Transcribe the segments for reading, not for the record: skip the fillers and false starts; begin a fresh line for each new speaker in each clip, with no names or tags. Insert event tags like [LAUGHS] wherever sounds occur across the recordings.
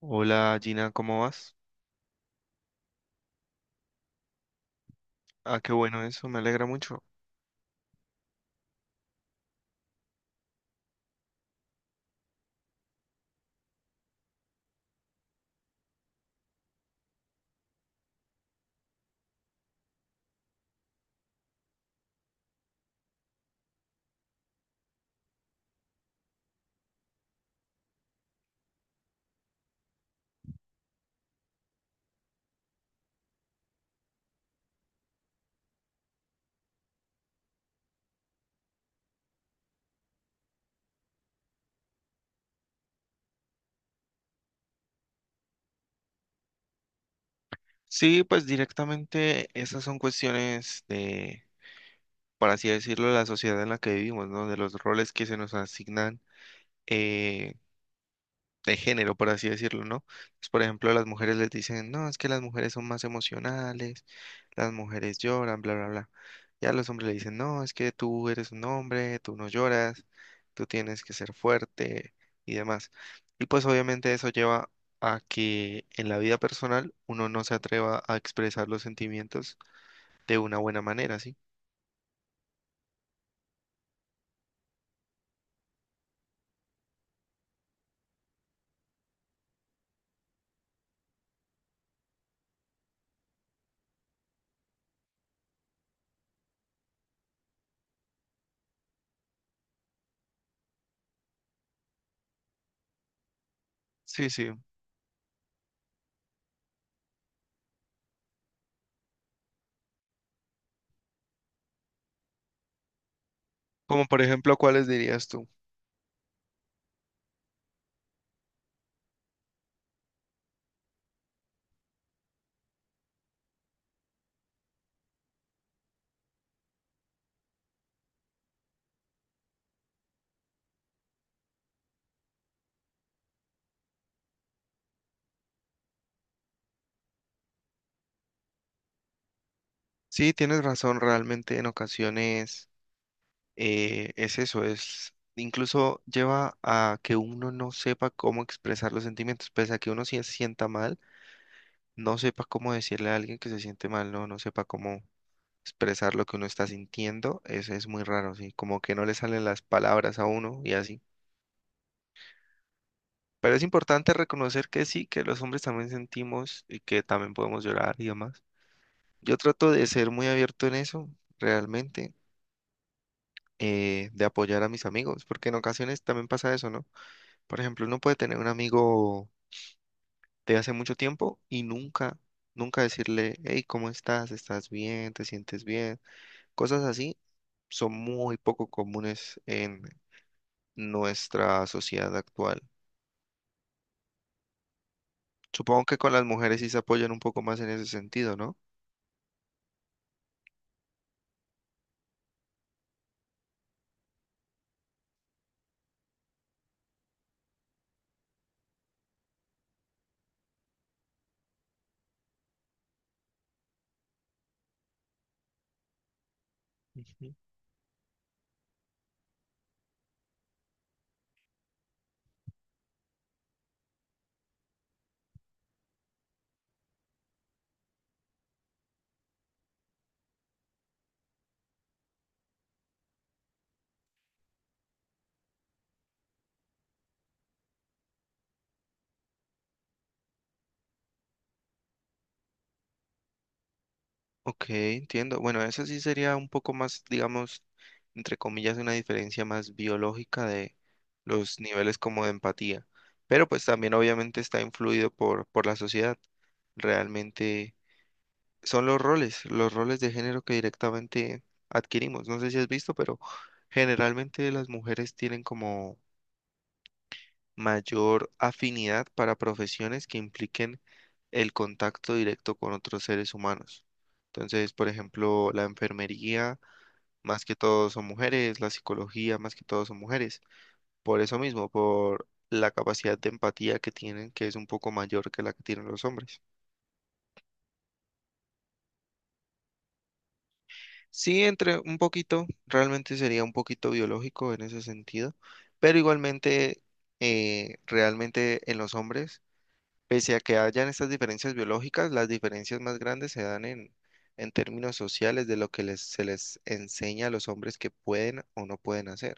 Hola Gina, ¿cómo vas? Ah, qué bueno eso, me alegra mucho. Sí, pues directamente esas son cuestiones de, por así decirlo, la sociedad en la que vivimos, ¿no? De los roles que se nos asignan, eh, de género, por así decirlo, ¿no? Pues, por ejemplo, a las mujeres les dicen, no, es que las mujeres son más emocionales, las mujeres lloran, bla, bla, bla. Y a los hombres le dicen, no, es que tú eres un hombre, tú no lloras, tú tienes que ser fuerte y demás. Y pues obviamente eso lleva a que en la vida personal uno no se atreva a expresar los sentimientos de una buena manera, ¿sí? Sí, sí. Como por ejemplo, ¿cuáles dirías tú? Sí, tienes razón, realmente en ocasiones es eso, es incluso lleva a que uno no sepa cómo expresar los sentimientos, pese a que uno sí se sienta mal, no sepa cómo decirle a alguien que se siente mal, no, no sepa cómo expresar lo que uno está sintiendo, es muy raro, sí, como que no le salen las palabras a uno y así. Pero es importante reconocer que sí, que los hombres también sentimos y que también podemos llorar y demás. Yo trato de ser muy abierto en eso, realmente, de apoyar a mis amigos, porque en ocasiones también pasa eso, ¿no? Por ejemplo, uno puede tener un amigo de hace mucho tiempo y nunca, nunca decirle, hey, ¿cómo estás? ¿Estás bien? ¿Te sientes bien? Cosas así son muy poco comunes en nuestra sociedad actual. Supongo que con las mujeres sí se apoyan un poco más en ese sentido, ¿no? Ujú. Ok, entiendo. Bueno, esa sí sería un poco más, digamos, entre comillas, una diferencia más biológica de los niveles como de empatía. Pero pues también obviamente está influido por la sociedad. Realmente. Son los roles de género que directamente adquirimos. No sé si has visto, pero generalmente las mujeres tienen como mayor afinidad para profesiones que impliquen el contacto directo con otros seres humanos. Entonces, por ejemplo, la enfermería, más que todo son mujeres, la psicología, más que todo son mujeres. Por eso mismo, por la capacidad de empatía que tienen, que es un poco mayor que la que tienen los hombres. Sí, entre un poquito, realmente sería un poquito biológico en ese sentido, pero igualmente, realmente en los hombres, pese a que hayan estas diferencias biológicas, las diferencias más grandes se dan en, términos sociales de lo que les, se les enseña a los hombres que pueden o no pueden hacer.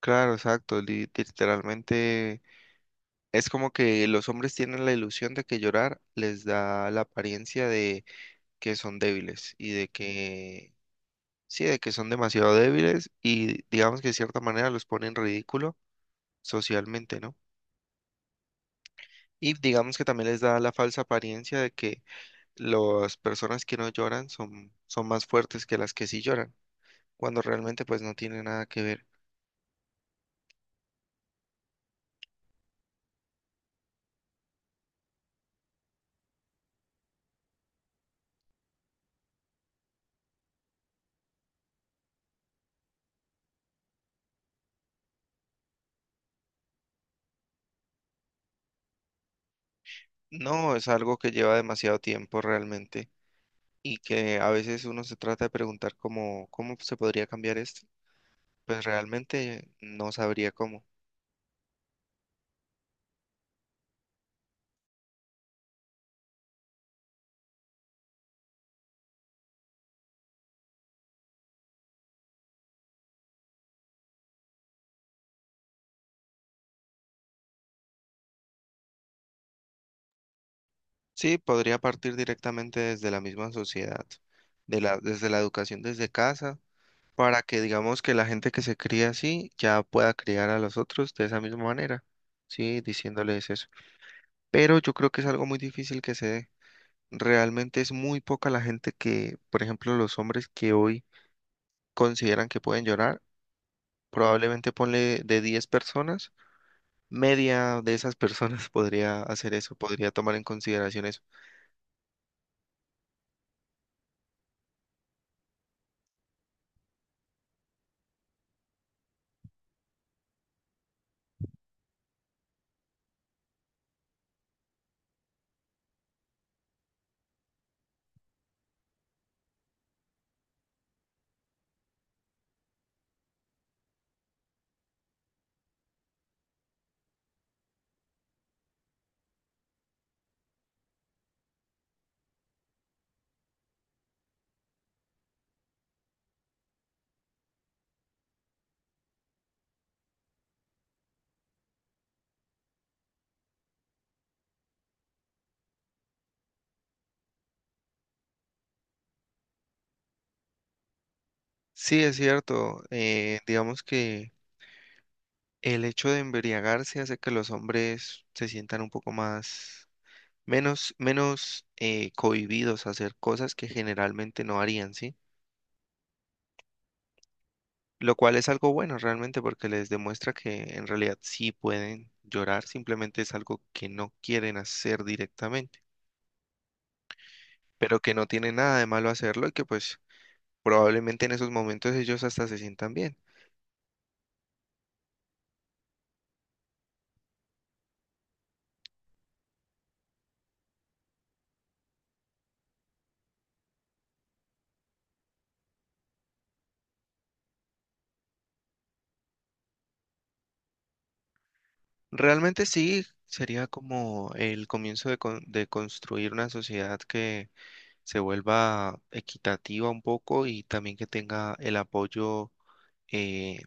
Claro, exacto, literalmente es como que los hombres tienen la ilusión de que llorar les da la apariencia de que son débiles y de que sí, de que son demasiado débiles y digamos que de cierta manera los pone en ridículo socialmente, ¿no? Y digamos que también les da la falsa apariencia de que las personas que no lloran son más fuertes que las que sí lloran, cuando realmente pues no tiene nada que ver. No, es algo que lleva demasiado tiempo realmente y que a veces uno se trata de preguntar cómo, cómo se podría cambiar esto. Pues realmente no sabría cómo. Sí, podría partir directamente desde la misma sociedad, desde la educación desde casa, para que digamos que la gente que se cría así ya pueda criar a los otros de esa misma manera, sí, diciéndoles eso. Pero yo creo que es algo muy difícil que se dé. Realmente es muy poca la gente que, por ejemplo, los hombres que hoy consideran que pueden llorar, probablemente ponle de 10 personas, media de esas personas [LAUGHS] podría hacer eso, podría tomar en consideración eso. Sí, es cierto. Digamos que el hecho de embriagarse hace que los hombres se sientan un poco más, menos, menos cohibidos a hacer cosas que generalmente no harían, ¿sí? Lo cual es algo bueno realmente porque les demuestra que en realidad sí pueden llorar, simplemente es algo que no quieren hacer directamente, pero que no tiene nada de malo hacerlo y que pues probablemente en esos momentos ellos hasta se sientan bien. Realmente sí, sería como el comienzo de construir una sociedad que se vuelva equitativa un poco y también que tenga el apoyo eh,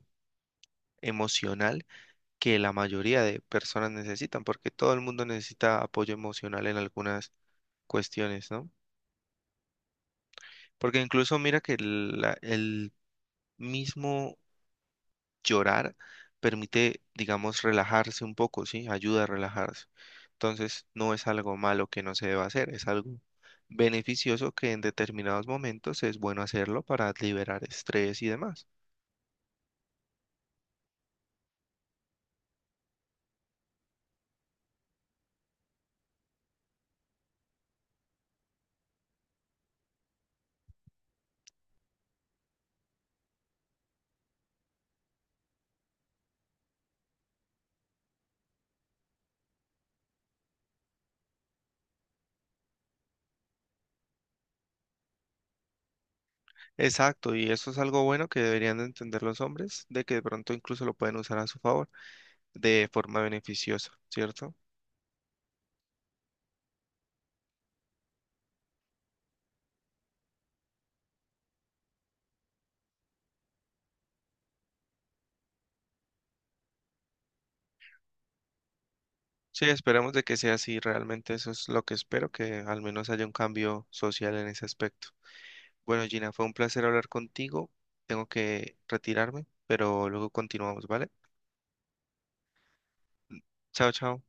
emocional que la mayoría de personas necesitan, porque todo el mundo necesita apoyo emocional en algunas cuestiones, ¿no? Porque incluso mira que el mismo llorar permite, digamos, relajarse un poco, ¿sí? Ayuda a relajarse. Entonces, no es algo malo que no se deba hacer, es algo beneficioso que en determinados momentos es bueno hacerlo para liberar estrés y demás. Exacto, y eso es algo bueno que deberían de entender los hombres, de que de pronto incluso lo pueden usar a su favor de forma beneficiosa, ¿cierto? Sí, esperemos de que sea así, realmente eso es lo que espero, que al menos haya un cambio social en ese aspecto. Bueno, Gina, fue un placer hablar contigo, tengo que retirarme, pero luego continuamos, ¿vale? Chao, chao.